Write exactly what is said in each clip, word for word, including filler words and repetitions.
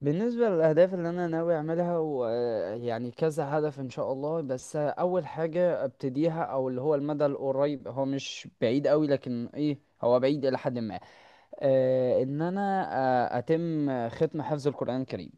بالنسبة للأهداف اللي أنا ناوي أعملها ويعني كذا هدف إن شاء الله، بس أول حاجة أبتديها أو اللي هو المدى القريب، هو مش بعيد أوي لكن إيه، هو بعيد إلى حد ما. آه إن أنا آه أتم ختم حفظ القرآن الكريم.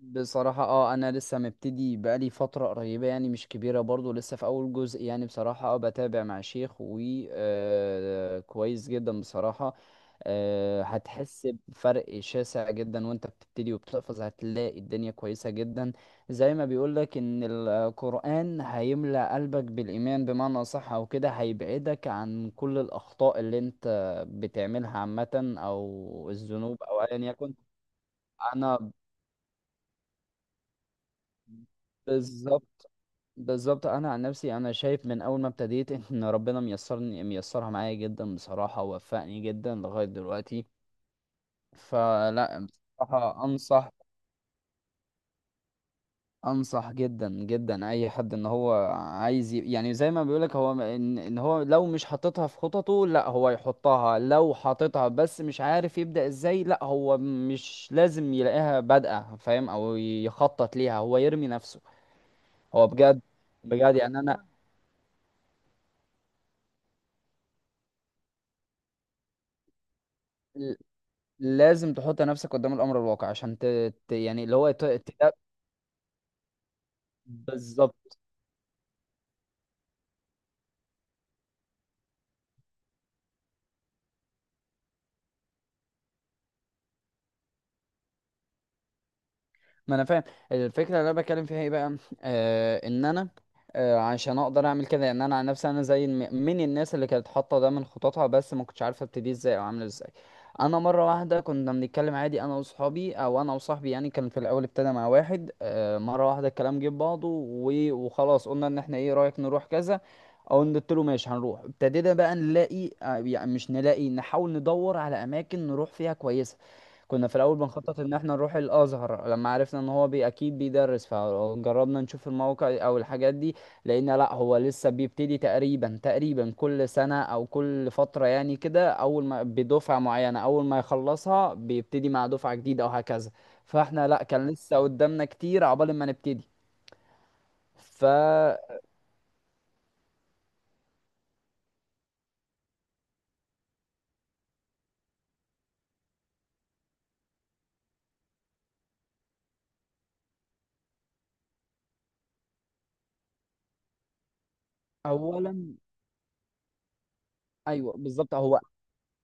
بصراحة اه انا لسه مبتدي، بقالي فترة قريبة يعني مش كبيرة برضو، لسه في اول جزء. يعني بصراحة اه بتابع مع شيخ و. آه، كويس جدا بصراحة. آه، هتحس بفرق شاسع جدا وانت بتبتدي وبتحفظ، هتلاقي الدنيا كويسة جدا. زي ما بيقولك ان القرآن هيملأ قلبك بالإيمان بمعنى أصح، او كده هيبعدك عن كل الأخطاء اللي انت بتعملها عامة، او الذنوب او ايا يكن. انا بالظبط. بالظبط انا عن نفسي انا شايف من اول ما ابتديت ان ربنا ميسرني، ميسرها معايا جدا بصراحه ووفقني جدا لغايه دلوقتي. فلا بصراحه انصح، انصح جدا جدا اي حد ان هو عايز ي... يعني زي ما بيقولك. هو م- ان ان هو لو مش حاططها في خططه، لا هو يحطها. لو حاططها بس مش عارف يبدا ازاي، لا هو مش لازم يلاقيها بادئه، فاهم؟ او يخطط ليها، هو يرمي نفسه. هو بجد. بجد يعني انا لازم تحط نفسك قدام الامر الواقع عشان ت... ت... يعني اللي هو ت... ت... بالظبط. ما انا فاهم الفكره اللي انا بتكلم فيها ايه بقى. آه ان انا آه عشان اقدر اعمل كده. يعني انا عن نفسي انا زي الم- من الناس اللي كانت حاطه ده من خططها، بس ما كنتش عارفه ابتدي ازاي او اعمل ازاي. انا مره واحده كنا بنتكلم عادي، انا واصحابي او انا وصاحبي. يعني كان في الاول ابتدى مع واحد آه، مره واحده الكلام جه في بعضه، و- وخلاص قلنا ان احنا ايه رايك نروح كذا. او قلت له ماشي هنروح. ابتدينا بقى نلاقي، آه، يعني مش نلاقي، نحاول ندور على اماكن نروح فيها كويسه. كنا في الاول بنخطط ان احنا نروح الازهر. لما عرفنا ان هو بي اكيد بيدرس، فجربنا نشوف الموقع او الحاجات دي، لقينا لا هو لسه بيبتدي تقريبا. تقريبا كل سنة او كل فترة يعني كده، اول ما بدفعة معينة، اول ما يخلصها بيبتدي مع دفعة جديدة، او هكذا. فاحنا لا، كان لسه قدامنا كتير عقبال ما نبتدي. فاولا ايوه بالظبط. هو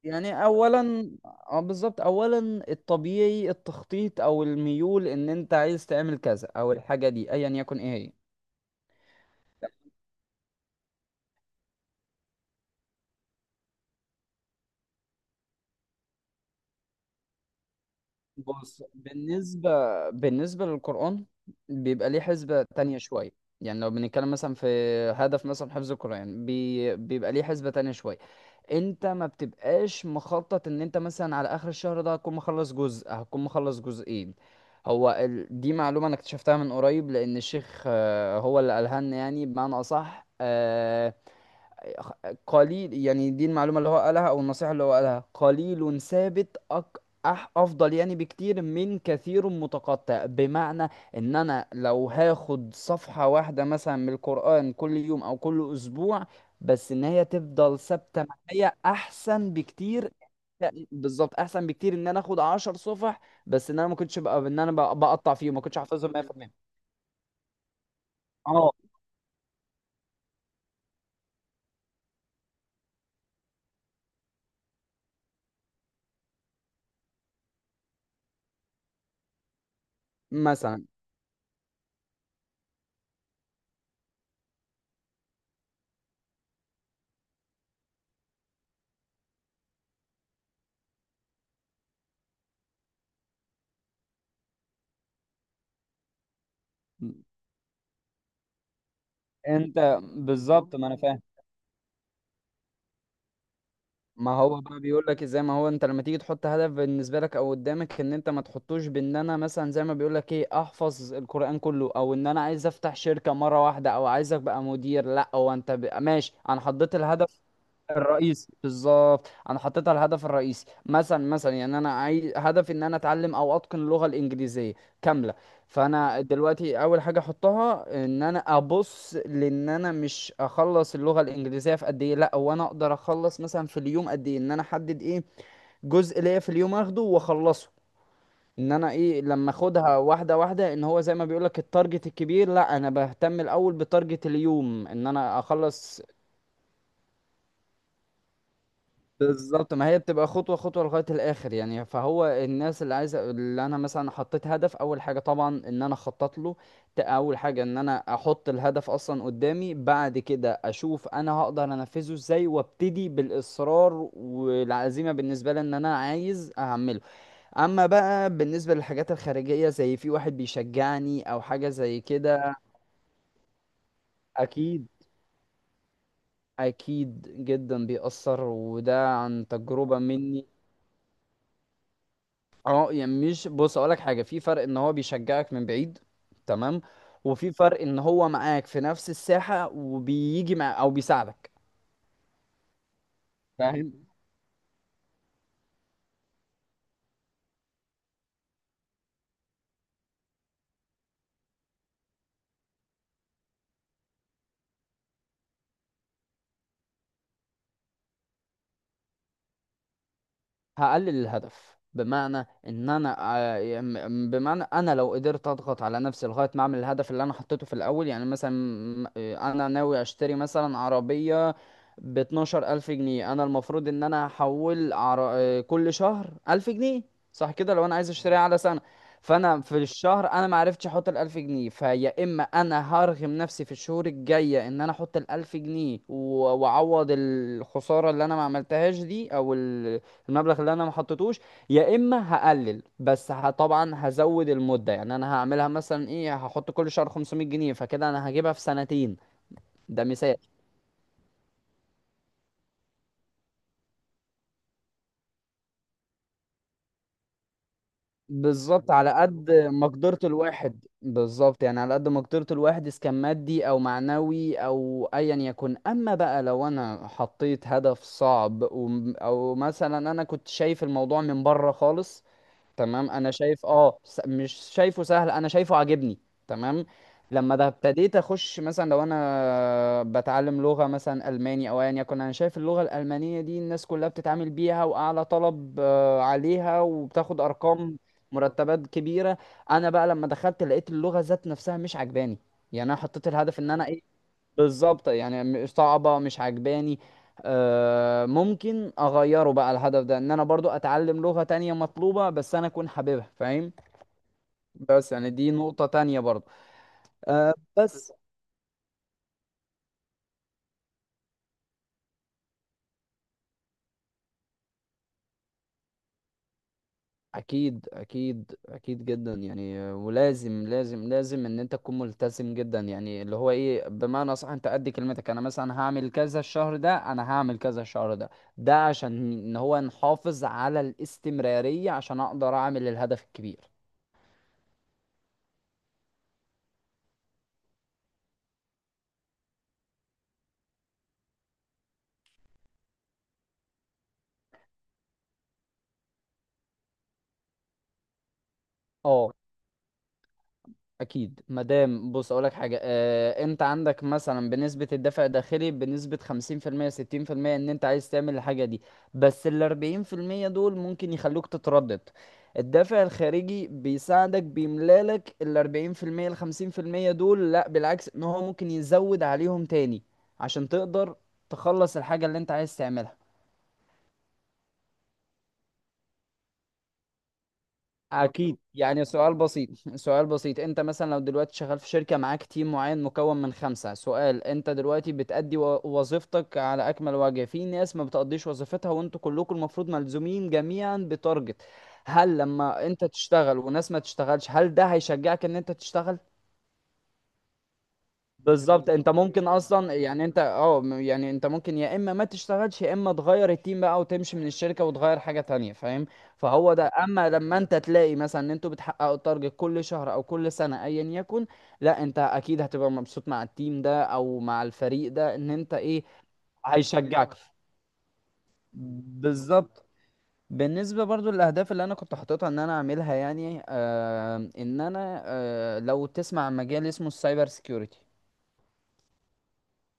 يعني اولا اه بالظبط، اولا الطبيعي التخطيط، او الميول ان انت عايز تعمل كذا او الحاجه دي ايا يكن ايه هي. بص، بالنسبه بالنسبه للقران، بيبقى ليه حسبه تانية شويه. يعني لو بنتكلم مثلا في هدف مثلا حفظ القران، بي... بيبقى ليه حسبه تانية شويه. انت ما بتبقاش مخطط ان انت مثلا على اخر الشهر ده هتكون مخلص جزء، هتكون مخلص جزئين. هو ال... دي معلومة انا اكتشفتها من قريب، لان الشيخ آه، هو اللي قالها لنا يعني. بمعنى اصح آه، قليل. يعني دي المعلومة اللي هو قالها أو النصيحة اللي هو قالها: قليل ثابت، أك أح أفضل يعني بكتير من كثير متقطع. بمعنى إن أنا لو هاخد صفحة واحدة مثلا من القرآن كل يوم أو كل أسبوع، بس إن هي تفضل ثابتة معايا، أحسن بكتير. بالظبط، أحسن بكتير إن أنا آخد عشر صفح بس إن أنا ما كنتش بقى إن أنا بقى- بقطع فيهم ما كنتش حافظهم مية بالمية. أه مثلا. أنت بالظبط. ما أنا فاهم. ما هو بقى بيقول لك ازاي؟ ما هو انت لما تيجي تحط هدف بالنسبه لك او قدامك، ان انت ما تحطوش بان انا مثلا زي ما بيقول لك ايه، احفظ القران كله، او ان انا عايز افتح شركه مره واحده، او عايز ابقى مدير، لا. هو انت ب... ماشي، انا حطيت الهدف الرئيسي. بالظبط، انا حطيتها الهدف الرئيسي مثلا. مثلا يعني انا عايز هدفي ان انا اتعلم او اتقن اللغه الانجليزيه كامله. فانا دلوقتي اول حاجه احطها ان انا ابص، لان انا مش اخلص اللغه الانجليزيه في قد ايه، لا هو انا اقدر اخلص مثلا في اليوم قد ايه، ان انا احدد ايه جزء ليا في اليوم اخده واخلصه. ان انا ايه، لما اخدها واحده واحده، ان هو زي ما بيقولك التارجت الكبير لا، انا بهتم الاول بتارجت اليوم، ان انا اخلص. بالظبط. ما هي بتبقى خطوة خطوة لغاية الآخر يعني. فهو الناس اللي عايزة اللي أنا مثلا حطيت هدف، أول حاجة طبعا إن أنا أخطط له. ت- أول حاجة إن أنا أحط الهدف أصلا قدامي، بعد كده أشوف أنا هقدر أنفذه إزاي، وأبتدي بالإصرار والعزيمة بالنسبة لي إن أنا عايز أعمله. أما بقى بالنسبة للحاجات الخارجية زي في واحد بيشجعني أو حاجة زي كده، أكيد. أكيد جدا بيأثر وده عن تجربة مني. اه يعني مش، بص اقولك حاجه: في فرق ان هو بيشجعك من بعيد، تمام، وفي فرق ان هو معاك في نفس الساحه وبيجي مع، او بيساعدك، فاهم؟ هقلل الهدف، بمعنى ان انا آه، يم- بمعنى انا لو قدرت اضغط على نفسي لغايه ما اعمل الهدف اللي انا حطيته في الاول يعني. مثلا م- آه، انا ناوي اشتري مثلا عربيه ب اثنا عشر ألف الف جنيه. انا المفروض ان انا احول عر... آه، كل شهر ألف جنيه، صح كده، لو انا عايز اشتريها على سنه. فانا في الشهر انا ما عرفتش احط ال ألف جنيه. فيا اما انا هرغم نفسي في الشهور الجايه ان انا احط ال ألف جنيه، و- واعوض الخساره اللي انا ما عملتهاش دي، او ال المبلغ اللي انا ما حطيتوش. يا اما هقلل، بس ه- طبعا هزود المده يعني. انا هعملها مثلا ايه، هحط كل شهر خمسمئة جنيه، فكده انا هجيبها في سنتين. ده مثال، بالظبط على قد مقدره الواحد. بالظبط يعني على قد مقدره الواحد، اذا كان مادي او معنوي او ايا يكن. اما بقى لو انا حطيت هدف صعب، وم- او مثلا انا كنت شايف الموضوع من بره خالص، تمام، انا شايف، اه س- مش شايفه سهل، انا شايفه عاجبني تمام. لما ده ابتديت اخش، مثلا لو انا بتعلم لغة مثلا الماني او ايا يكن، انا شايف اللغة الالمانية دي الناس كلها بتتعامل بيها واعلى طلب آه، عليها وبتاخد ارقام مرتبات كبيرة. انا بقى لما دخلت لقيت اللغة ذات نفسها مش عجباني. يعني انا حطيت الهدف ان انا ايه، بالظبط. يعني م- صعبة، مش عجباني. آه، ممكن اغيره بقى الهدف ده، ان انا برضو اتعلم لغة تانية مطلوبة بس انا اكون حاببها، فاهم؟ بس يعني دي نقطة تانية برضو. آه، بس اكيد. اكيد اكيد جدا يعني. آه، ولازم. لازم لازم ان انت تكون ملتزم جدا يعني، اللي هو ايه بمعنى صح. انت قد كلمتك، انا مثلا هعمل كذا الشهر ده، انا هعمل كذا الشهر ده، ده عشان ان هو نحافظ على الاستمرارية، عشان اقدر اعمل الهدف الكبير. اه اكيد. مادام، بص اقولك حاجه، آه، انت عندك مثلا بنسبه الدفع الداخلي بنسبه خمسين بالمية، ستين بالمية ان انت عايز تعمل الحاجه دي، بس ال أربعين بالمية دول ممكن يخلوك تتردد. الدافع الخارجي بيساعدك، بيملالك ال أربعين بالمية ال خمسين بالمية دول، لا بالعكس ان هو ممكن يزود عليهم تاني، عشان تقدر تخلص الحاجه اللي انت عايز تعملها. اكيد. يعني سؤال بسيط سؤال بسيط: انت مثلا لو دلوقتي شغال في شركة معاك تيم معين مكون من خمسة، سؤال، انت دلوقتي بتأدي و- وظيفتك على اكمل وجه، في ناس ما بتقضيش وظيفتها، وانتوا كلكم المفروض ملزومين جميعا بتارجت. هل لما انت تشتغل وناس ما تشتغلش، هل ده هيشجعك ان انت تشتغل؟ بالظبط. انت ممكن اصلا يعني، انت اه م- يعني انت ممكن يا اما ما تشتغلش، يا اما تغير التيم بقى وتمشي من الشركه وتغير حاجه تانية، فاهم؟ فهو ده. اما لما انت تلاقي مثلا ان انتوا بتحققوا التارجت كل شهر او كل سنه ايا يكن، لا انت اكيد هتبقى مبسوط مع التيم ده او مع الفريق ده، ان انت ايه، هيشجعك، بالظبط. بالنسبة برضو للأهداف اللي أنا كنت حاططها إن أنا أعملها، يعني آه إن أنا آه لو تسمع عن مجال اسمه السايبر سيكيورتي.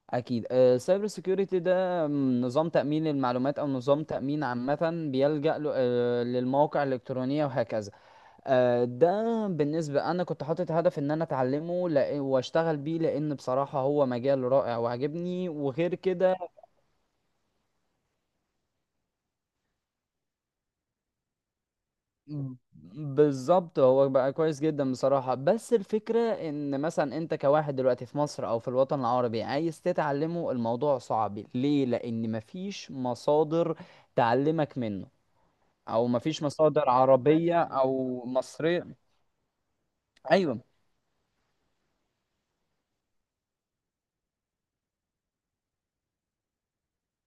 اكيد. السايبر سيكيورتي ده م، نظام تامين المعلومات، او نظام تامين عامه بيلجا له- آه، للمواقع الالكترونيه وهكذا. آه، ده بالنسبه انا كنت حاطط هدف ان انا اتعلمه لأ- واشتغل بيه، لان بصراحه هو مجال رائع وعجبني وغير كده. ب- بالظبط. هو بقى كويس جدا بصراحة، بس الفكرة ان مثلا انت كواحد دلوقتي في مصر او في الوطن العربي عايز تتعلمه، الموضوع صعب. ليه؟ لان مفيش مصادر تعلمك منه، او مفيش مصادر عربية او مصرية. ايوه،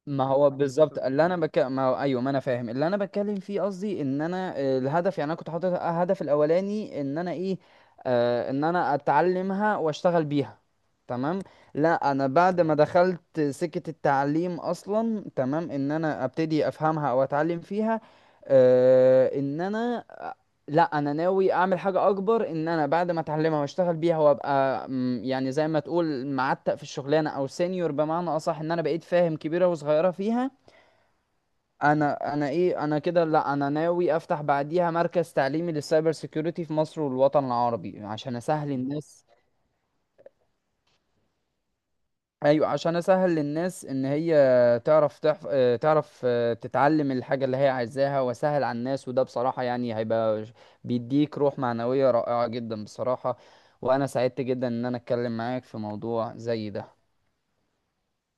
ما هو بالظبط اللي انا بك... ما هو ايوه، ما انا فاهم اللي انا بتكلم فيه. قصدي ان انا آه، الهدف يعني، انا كنت حاطط الهدف الاولاني ان انا ايه، آه ان انا اتعلمها واشتغل بيها، تمام. لا انا بعد ما دخلت سكة التعليم اصلا، تمام، ان انا ابتدي افهمها او اتعلم فيها. آه ان انا لا انا ناوي اعمل حاجه اكبر، ان انا بعد ما اتعلمها واشتغل بيها، وابقى م، يعني زي ما تقول معتق في الشغلانه او سينيور بمعنى اصح، ان انا بقيت فاهم كبيره وصغيره فيها. انا انا ايه، انا كده لا، انا ناوي افتح بعديها مركز تعليمي للسايبر سيكيورتي في مصر والوطن العربي، عشان اسهل الناس. ايوه، عشان اسهل للناس ان هي تعرف تحف... آه، تعرف آه، تتعلم الحاجه اللي هي عايزاها، واسهل على الناس. وده بصراحه يعني هيبقى ش- بيديك روح معنويه رائعه جدا بصراحه. وانا سعدت جدا ان انا اتكلم معاك في موضوع زي ده.